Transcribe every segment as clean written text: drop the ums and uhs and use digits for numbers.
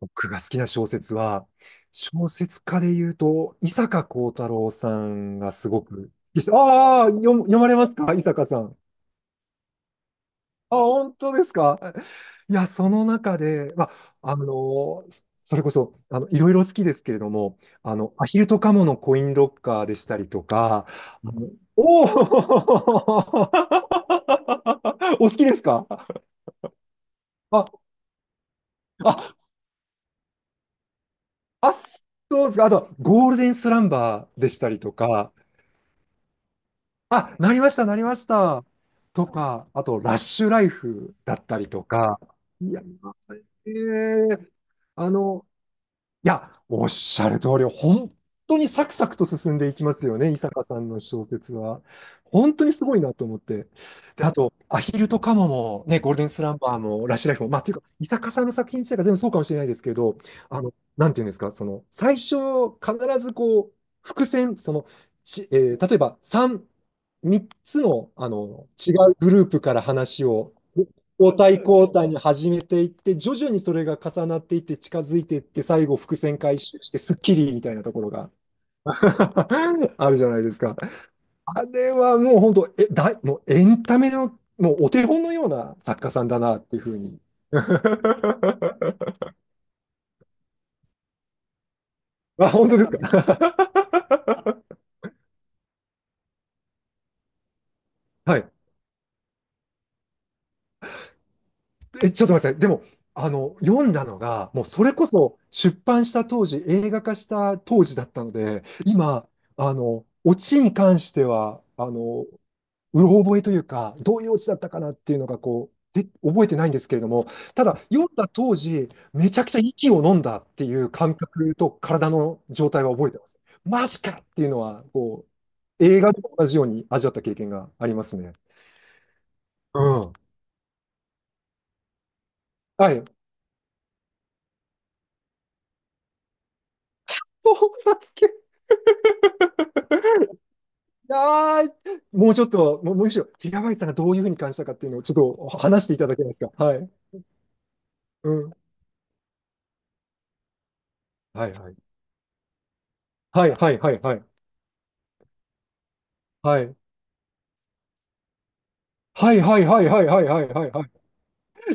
僕が好きな小説は、小説家で言うと、伊坂幸太郎さんがすごく、読まれますか伊坂さん。あ、本当ですか？いや、その中で、あ、あの、それこそ、いろいろ好きですけれども、アヒルとカモのコインロッカーでしたりとか、あのおお お好きですか？あ、あ、そうですか。あとは、ゴールデンスランバーでしたりとか、あ、なりました、なりました。とか、あと、ラッシュライフだったりとか、いや、ええあの、いや、おっしゃる通り、本当にサクサクと進んでいきますよね、伊坂さんの小説は。本当にすごいなと思って。で、あと、アヒルとカモも、ね、ゴールデンスランバーも、ラッシュライフも、まあ、というか、伊坂さんの作品自体が全部そうかもしれないですけど、あの、なんていうんですか、その、最初、必ずこう、伏線、その、ち、えー例えば、三3つの、違うグループから話を、交代交代に始めていって、徐々にそれが重なっていって、近づいていって、最後、伏線回収して、スッキリみたいなところが あるじゃないですか。あれはもう本当、え、だい、もうエンタメの、もうお手本のような作家さんだなっていうふうに。あ、本当ですか。はい。え、ちょっと待ってください。でも、読んだのが、もうそれこそ出版した当時、映画化した当時だったので、今、オチに関しては、うろ覚えというか、どういうオチだったかなっていうのが、覚えてないんですけれども、ただ、読んだ当時、めちゃくちゃ息を飲んだっていう感覚と体の状態は覚えてます。マジかっていうのは、映画と同じように味わった経験がありますね。うん。はい。そうだっけ？あー、もうちょっと、もうむしろ、平林さんがどういうふうに感じたかっていうのをちょっとお話していただけますか。はい。うん。はいはい。はいはいはいはい。はい。はいはいはいはいはいはいはいはい。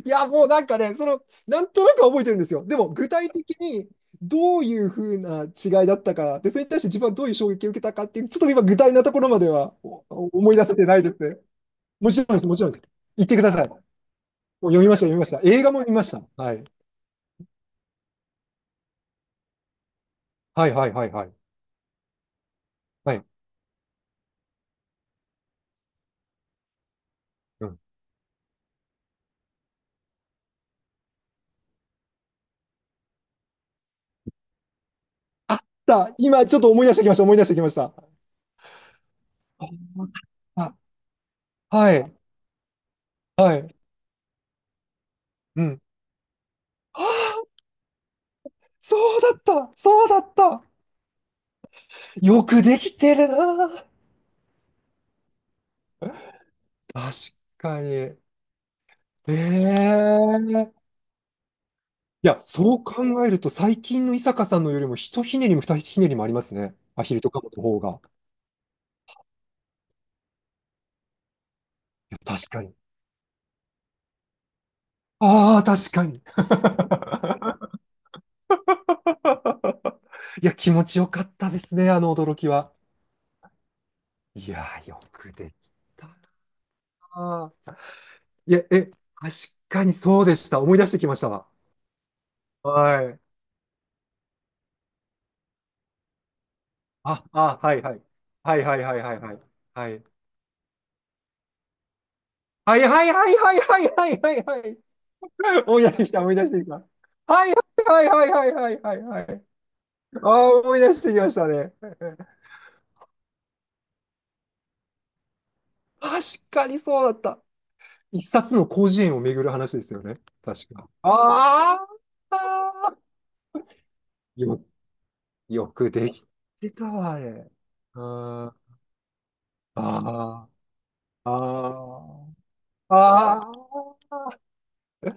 いや、もうなんかね、その、なんとなくは覚えてるんですよ。でも、具体的にどういうふうな違いだったか、で、それに対して自分はどういう衝撃を受けたかっていう、ちょっと今、具体なところまでは思い出せてないですね。もちろんです、もちろんです。言ってください。もう読みました、読みました。映画も見ました。はい。はいはいはいはい。はい。あ、った今ちょっと思い出してきました、思い出してきました。あ、はい、はい、うん。ああ、そうだった、そうだった。よくできてるな。確かに。ええ、いや、そう考えると、最近の伊坂さんのよりも、ひとひねりもふたひねりもありますね。アヒルとカモの方が。確かに。ああ、確かに。いや、気持ちよかったですね、あの驚きは。いや、よくできたなあ。確かにそうでした。思い出してきましたわ。はい。あ、あ、はいはい。はいはいはいはいはい。はい。はいはいはいはいはいはいはいはい。思い出してきた、思い出してきた。はいはいはいはいはいはいはい。ああ、思い出してきましたね。確かにそうだった。一冊の広辞苑を巡る話ですよね。確か。ああ、よ、よくできてたわ、あれ。ああ、ああ、ああ。ああ、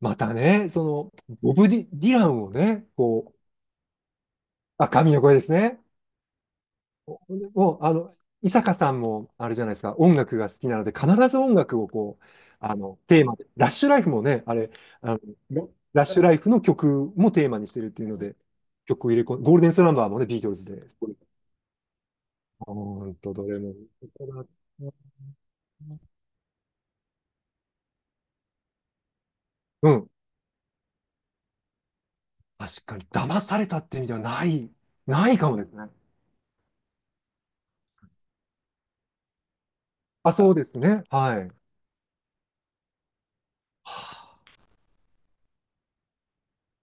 またね、ボブ・ディディランをね、こう、あ、神の声ですね。おもう、あの、伊坂さんも、あれじゃないですか、音楽が好きなので、必ず音楽をこう、テーマで、ラッシュライフもね、あれ、あの、ラッシュライフの曲もテーマにしてるっていうので、曲を入れ込ん、ゴールデンスランバーもね、ビートルズで、すごいほんと、どれも。うん、確かに、騙されたって意味ではないかもですね。あ、そうですね。はい。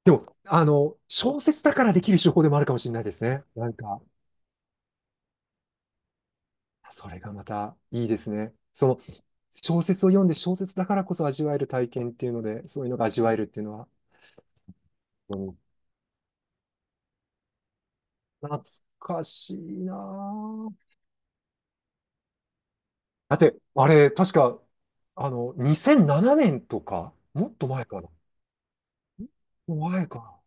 でも、あの、小説だからできる手法でもあるかもしれないですね。なんか、それがまたいいですね。その、小説を読んで小説だからこそ味わえる体験っていうので、そういうのが味わえるっていうのは、うん。懐かしいなぁ。だって、あれ、確か、あの、2007年とか、もっと前かな。もっと前かな。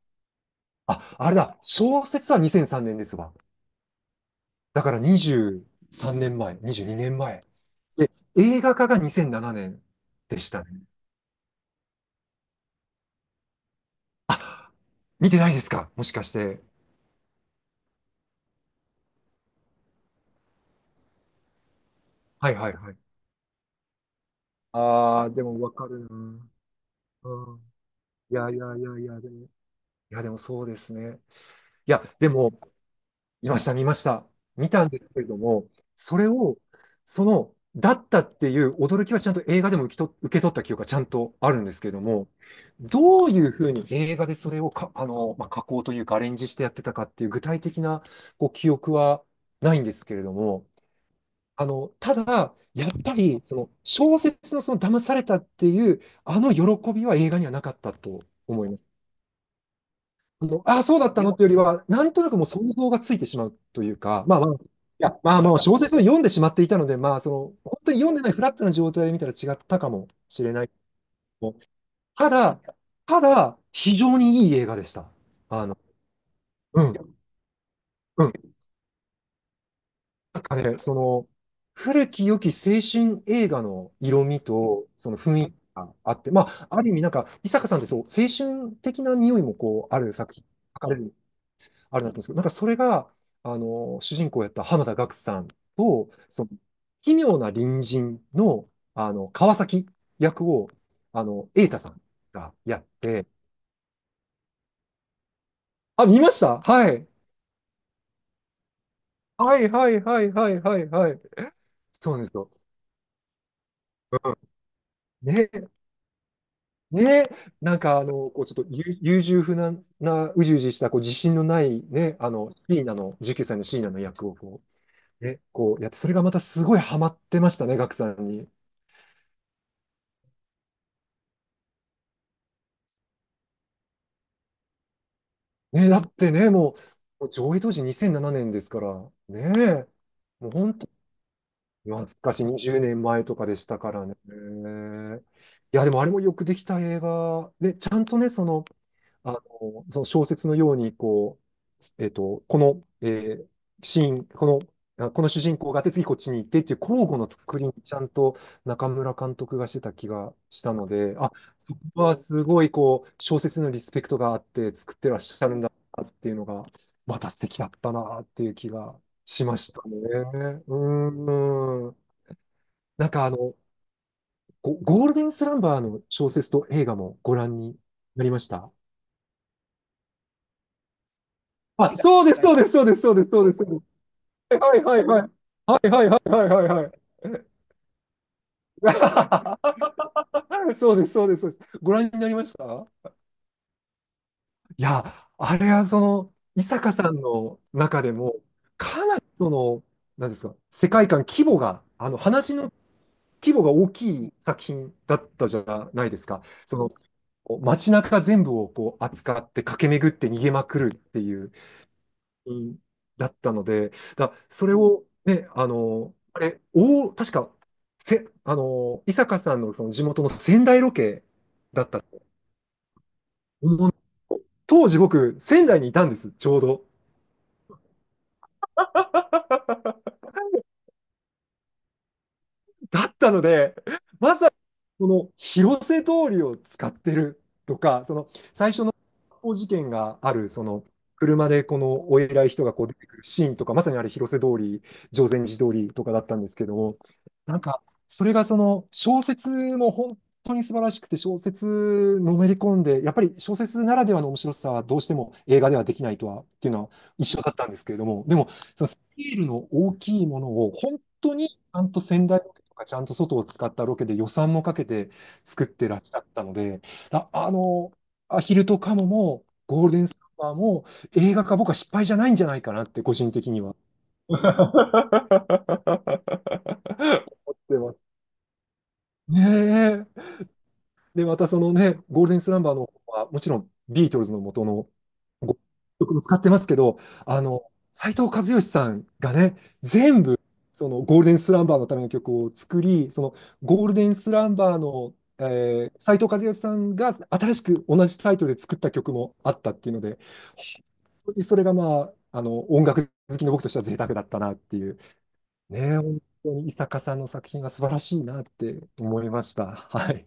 あ、あれだ、小説は2003年ですわ。だから23年前、22年前。で、映画化が2007年でしたね。あ、見てないですかもしかして。はいはいはい。ああ、でもわかるな。うん。いやいやいやいや、でも、いやでもそうですね。いや、でも、見ました見ました。見たんですけれども、それを、その、だったっていう驚きはちゃんと映画でも受けと、受け取った記憶がちゃんとあるんですけれども、どういうふうに映画でそれをか、あの、まあ、加工というかアレンジしてやってたかっていう具体的なこう記憶はないんですけれども、ただ、やっぱり、その、小説のその騙されたっていう、あの喜びは映画にはなかったと思います。あの、ああ、そうだったのっていうよりは、なんとなくもう想像がついてしまうというか、まあまあ、小説を読んでしまっていたので、まあ、その、本当に読んでないフラットな状態で見たら違ったかもしれないけど。ただ、ただ、非常にいい映画でした。あの、うん、うん。なんかね、その、古き良き青春映画の色味と、その雰囲気があって、まあ、ある意味、なんか、伊坂さんってそう、青春的な匂いもこう、ある作品、書かれる、あるなと思うんですけど、なんかそれが、主人公をやった濱田岳さんと、その、奇妙な隣人の、川崎役を、瑛太さんがやって、あ、見ましたはい。はいはいはいはいはいはい。そうなんですよ。うんねね、なんかあの、こうちょっと優柔不断な、うじうじした、こう自信のないね、あの、シーナの、19歳のシーナの役をこうやって、それがまたすごいハマってましたね、ガクさんに。ね、だってね、もう、もう上映当時2007年ですから、ね、もう本当、懐かしい20年前とかでしたからね。いや、でもあれもよくできた映画で、ちゃんとね、その、あの、その小説のように、こう、えっと、この、えーシーン、この主人公があって次こっちに行ってっていう交互の作りにちゃんと中村監督がしてた気がしたので、あ、そこはすごいこう、小説のリスペクトがあって作ってらっしゃるんだなっていうのが、また素敵だったなっていう気がしましたね。うーん。なんかあの、ゴールデンスランバーの小説と映画もご覧になりました？あ、そうです、そうです、そうです、そうです、そうです。そうですはいはいはい。はいはいはいはいはいはい。そうです、そうです、そうです。ご覧になりました？いや、あれはその、伊坂さんの中でも、かなりその、なんですか、世界観、規模が、あの、話の規模が大きい作品だったじゃないですか。その、街中全部をこう扱って駆け巡って逃げまくるっていう。うん、だったので、だ、それをね、あの、あれ、お、確か、せ、あの、伊坂さんのその地元の仙台ロケだったもう。当時僕、仙台にいたんです、ちょうど。だったので、まさにこの広瀬通りを使ってるとか、その最初の発砲事件がある、その車でこのお偉い人がこう出てくるシーンとか、まさにあれ広瀬通り、定禅寺通りとかだったんですけども、なんかそれがその小説も本当に素晴らしくて、小説のめり込んで、やっぱり小説ならではの面白さはどうしても映画ではできないとはっていうのは一緒だったんですけれども、でもそのスケールの大きいものを本当にちゃんと外を使ったロケで予算もかけて作ってらっしゃったので、あ、あの、アヒルとカモもゴールデンスーパーも映画化僕は失敗じゃないんじゃないかなって個人的には 思ってます。ねえ。で、またそのね、ゴールデンスランバーの方は、もちろんビートルズの元のご曲も使ってますけど、あの、斉藤和義さんがね、全部、そのゴールデンスランバーのための曲を作り、そのゴールデンスランバーの、えー、斉藤和義さんが新しく同じタイトルで作った曲もあったっていうので、本当にそれがまあ、あの、音楽好きの僕としては贅沢だったなっていう、ね、本当に伊坂さんの作品は素晴らしいなって思いました。はい。